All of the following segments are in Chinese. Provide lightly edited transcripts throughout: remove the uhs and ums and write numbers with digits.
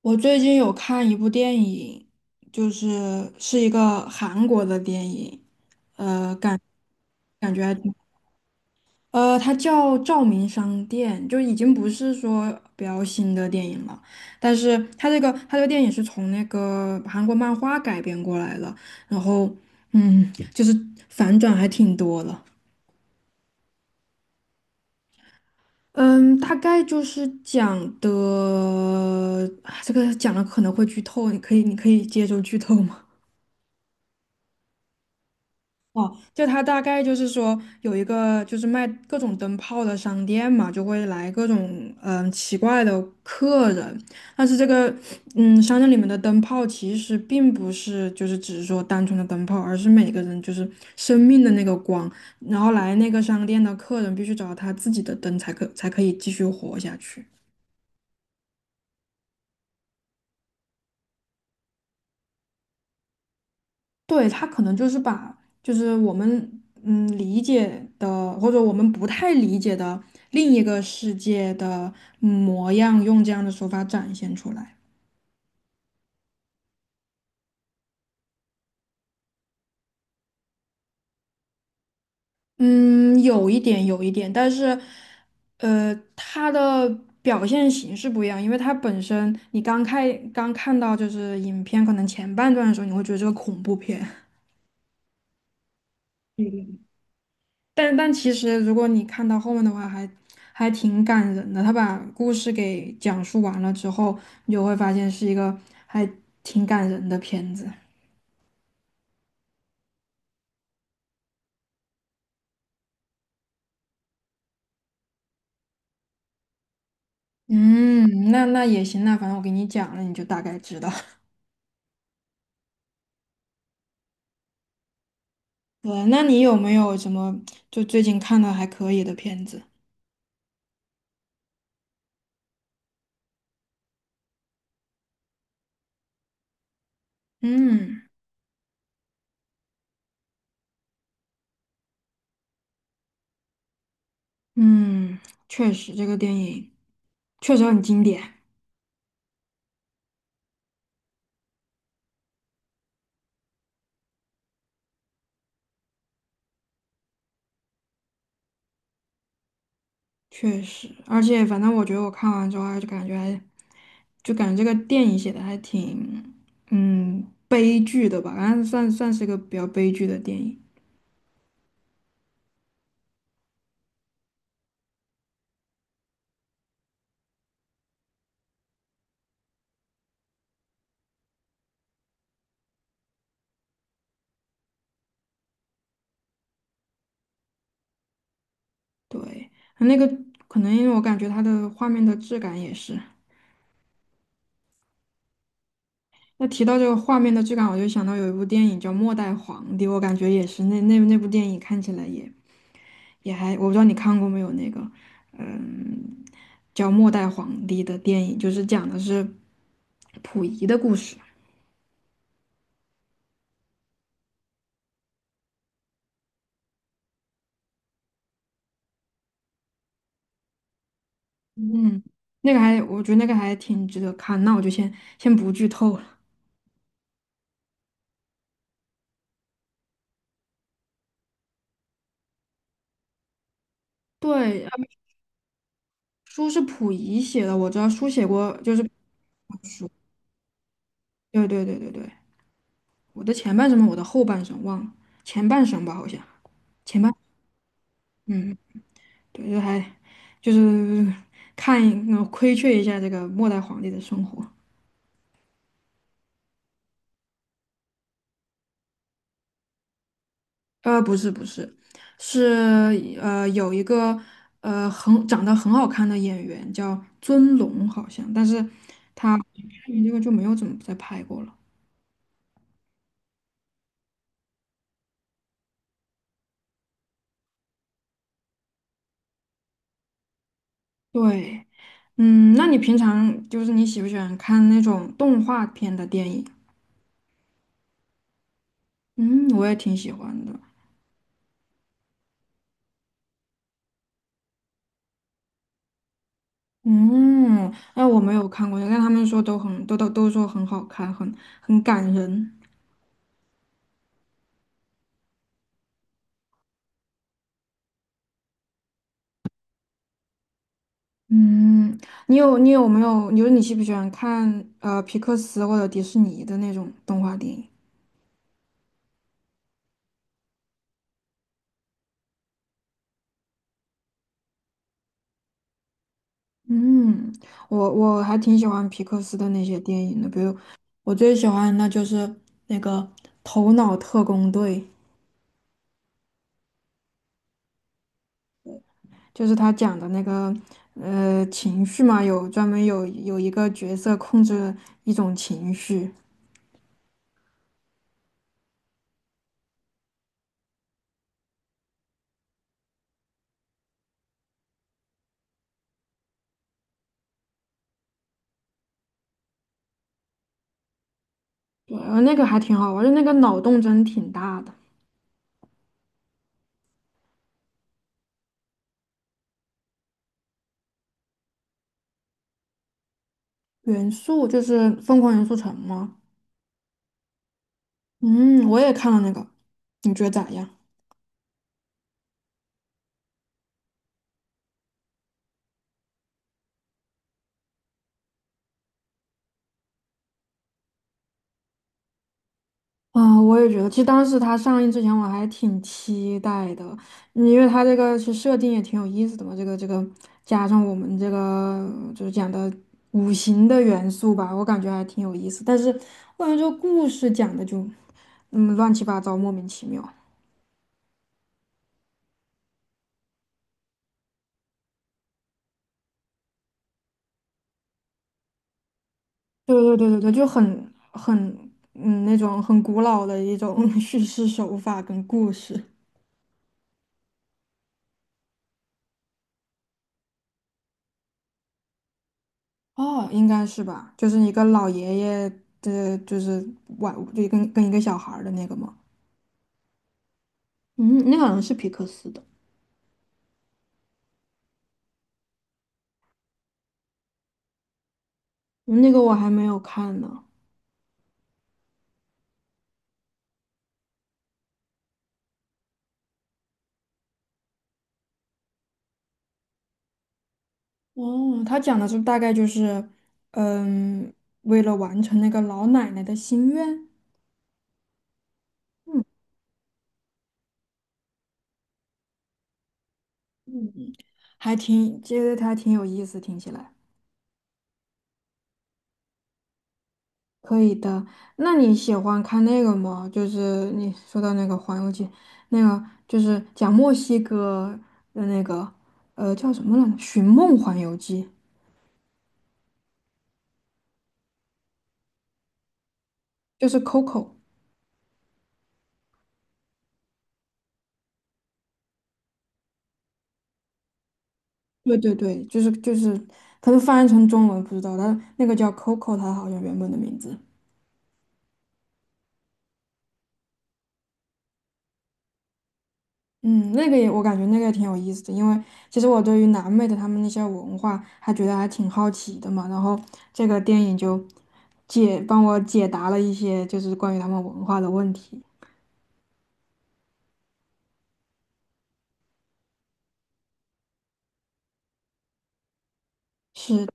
我最近有看一部电影，就是一个韩国的电影，感觉还挺它叫《照明商店》，就已经不是说比较新的电影了，但是它这个电影是从那个韩国漫画改编过来的，然后就是反转还挺多的。嗯，大概就是讲的，啊这个讲了可能会剧透，你可以接受剧透吗？就他大概就是说有一个就是卖各种灯泡的商店嘛，就会来各种奇怪的客人，但是这个商店里面的灯泡其实并不是就是只是说单纯的灯泡，而是每个人就是生命的那个光，然后来那个商店的客人必须找到他自己的灯才可以继续活下去。对，他可能就是把就是我们理解的或者我们不太理解的另一个世界的模样，用这样的手法展现出来。嗯，有一点，有一点，但是它的表现形式不一样，因为它本身你刚看到就是影片可能前半段的时候，你会觉得这个恐怖片。但其实，如果你看到后面的话还，还挺感人的。他把故事给讲述完了之后，你就会发现是一个还挺感人的片子。嗯，那也行，那反正我给你讲了，你就大概知道。对，那你有没有什么就最近看的还可以的片子？嗯嗯，确实这个电影确实很经典。确实，而且反正我觉得我看完之后还就感觉还，就感觉这个电影写的还挺，嗯，悲剧的吧，反正算是一个比较悲剧的电影。对，那个可能因为我感觉它的画面的质感也是。那提到这个画面的质感，我就想到有一部电影叫《末代皇帝》，我感觉也是那那部电影看起来也也还，我不知道你看过没有那个，嗯，叫《末代皇帝》的电影，就是讲的是溥仪的故事。嗯，那个还，我觉得那个还挺值得看。那我就先不剧透了。对，嗯书是溥仪写的，我知道书写过，就是对对对对对，我的前半生嘛，我的后半生忘了，前半生吧，好像前半，嗯，对，就还就是 看一窥觑一下这个末代皇帝的生活。不是，是有一个很长得很好看的演员叫尊龙，好像，但是这个就没有怎么再拍过了。对，嗯，那你平常就是你喜不喜欢看那种动画片的电影？嗯，我也挺喜欢的。嗯，哎，我没有看过，但他们说都说很好看，很很感人。嗯，你有没有？你说你喜不喜欢看皮克斯或者迪士尼的那种动画电影？嗯，我还挺喜欢皮克斯的那些电影的，比如我最喜欢的就是那个《头脑特工队》。就是他讲的那个情绪嘛，有专门有一个角色控制一种情绪，对，那个还挺好玩儿，就那个脑洞真挺大的。元素就是《疯狂元素城》吗？嗯，我也看了那个，你觉得咋样？啊，我也觉得，其实当时它上映之前我还挺期待的，嗯因为它这个是设定也挺有意思的嘛，这个加上我们这个就是讲的五行的元素吧，我感觉还挺有意思。但是我感觉这个故事讲的就，嗯，乱七八糟，莫名其妙。对对对对对，就很很那种很古老的一种 叙事手法跟故事。哦，应该是吧，就是一个老爷爷的，就是玩，就跟一个小孩儿的那个嘛。嗯，那个好像是皮克斯的，那个我还没有看呢。哦，他讲的是大概就是，嗯，为了完成那个老奶奶的心愿，嗯，还挺，觉得他挺有意思，听起来。可以的，那你喜欢看那个吗？就是你说到那个《环游记》，那个就是讲墨西哥的那个，呃，叫什么来着？《寻梦环游记》，就是 Coco。对对对，就是，它是翻译成中文不知道，它那个叫 Coco，它好像原本的名字。嗯，那个也我感觉那个也挺有意思的，因为其实我对于南美的他们那些文化还觉得还挺好奇的嘛。然后这个电影就帮我解答了一些就是关于他们文化的问题。是，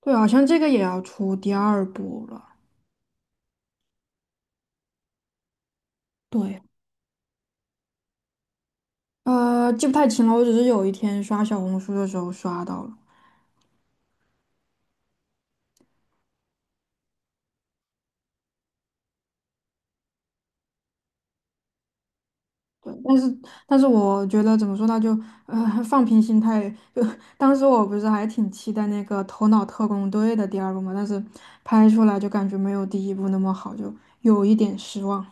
对，好像这个也要出第二部了。对，呃，记不太清了，我只是有一天刷小红书的时候刷到了。但是，但是我觉得怎么说呢，就放平心态。就当时我不是还挺期待那个《头脑特工队》的第二部嘛，但是拍出来就感觉没有第一部那么好，就有一点失望。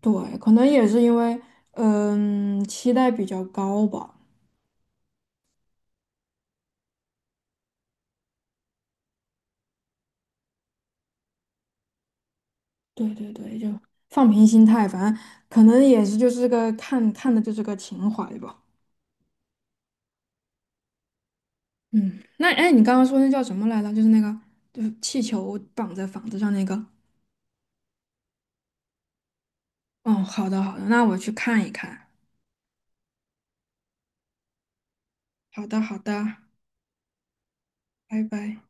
对，可能也是因为嗯期待比较高吧。对对对，就放平心态，反正可能也是就是个看看的就是个情怀吧。嗯，那哎，你刚刚说那叫什么来着？就是那个就是气球绑在房子上那个。哦，好的好的，那我去看一看。好的好的，拜拜。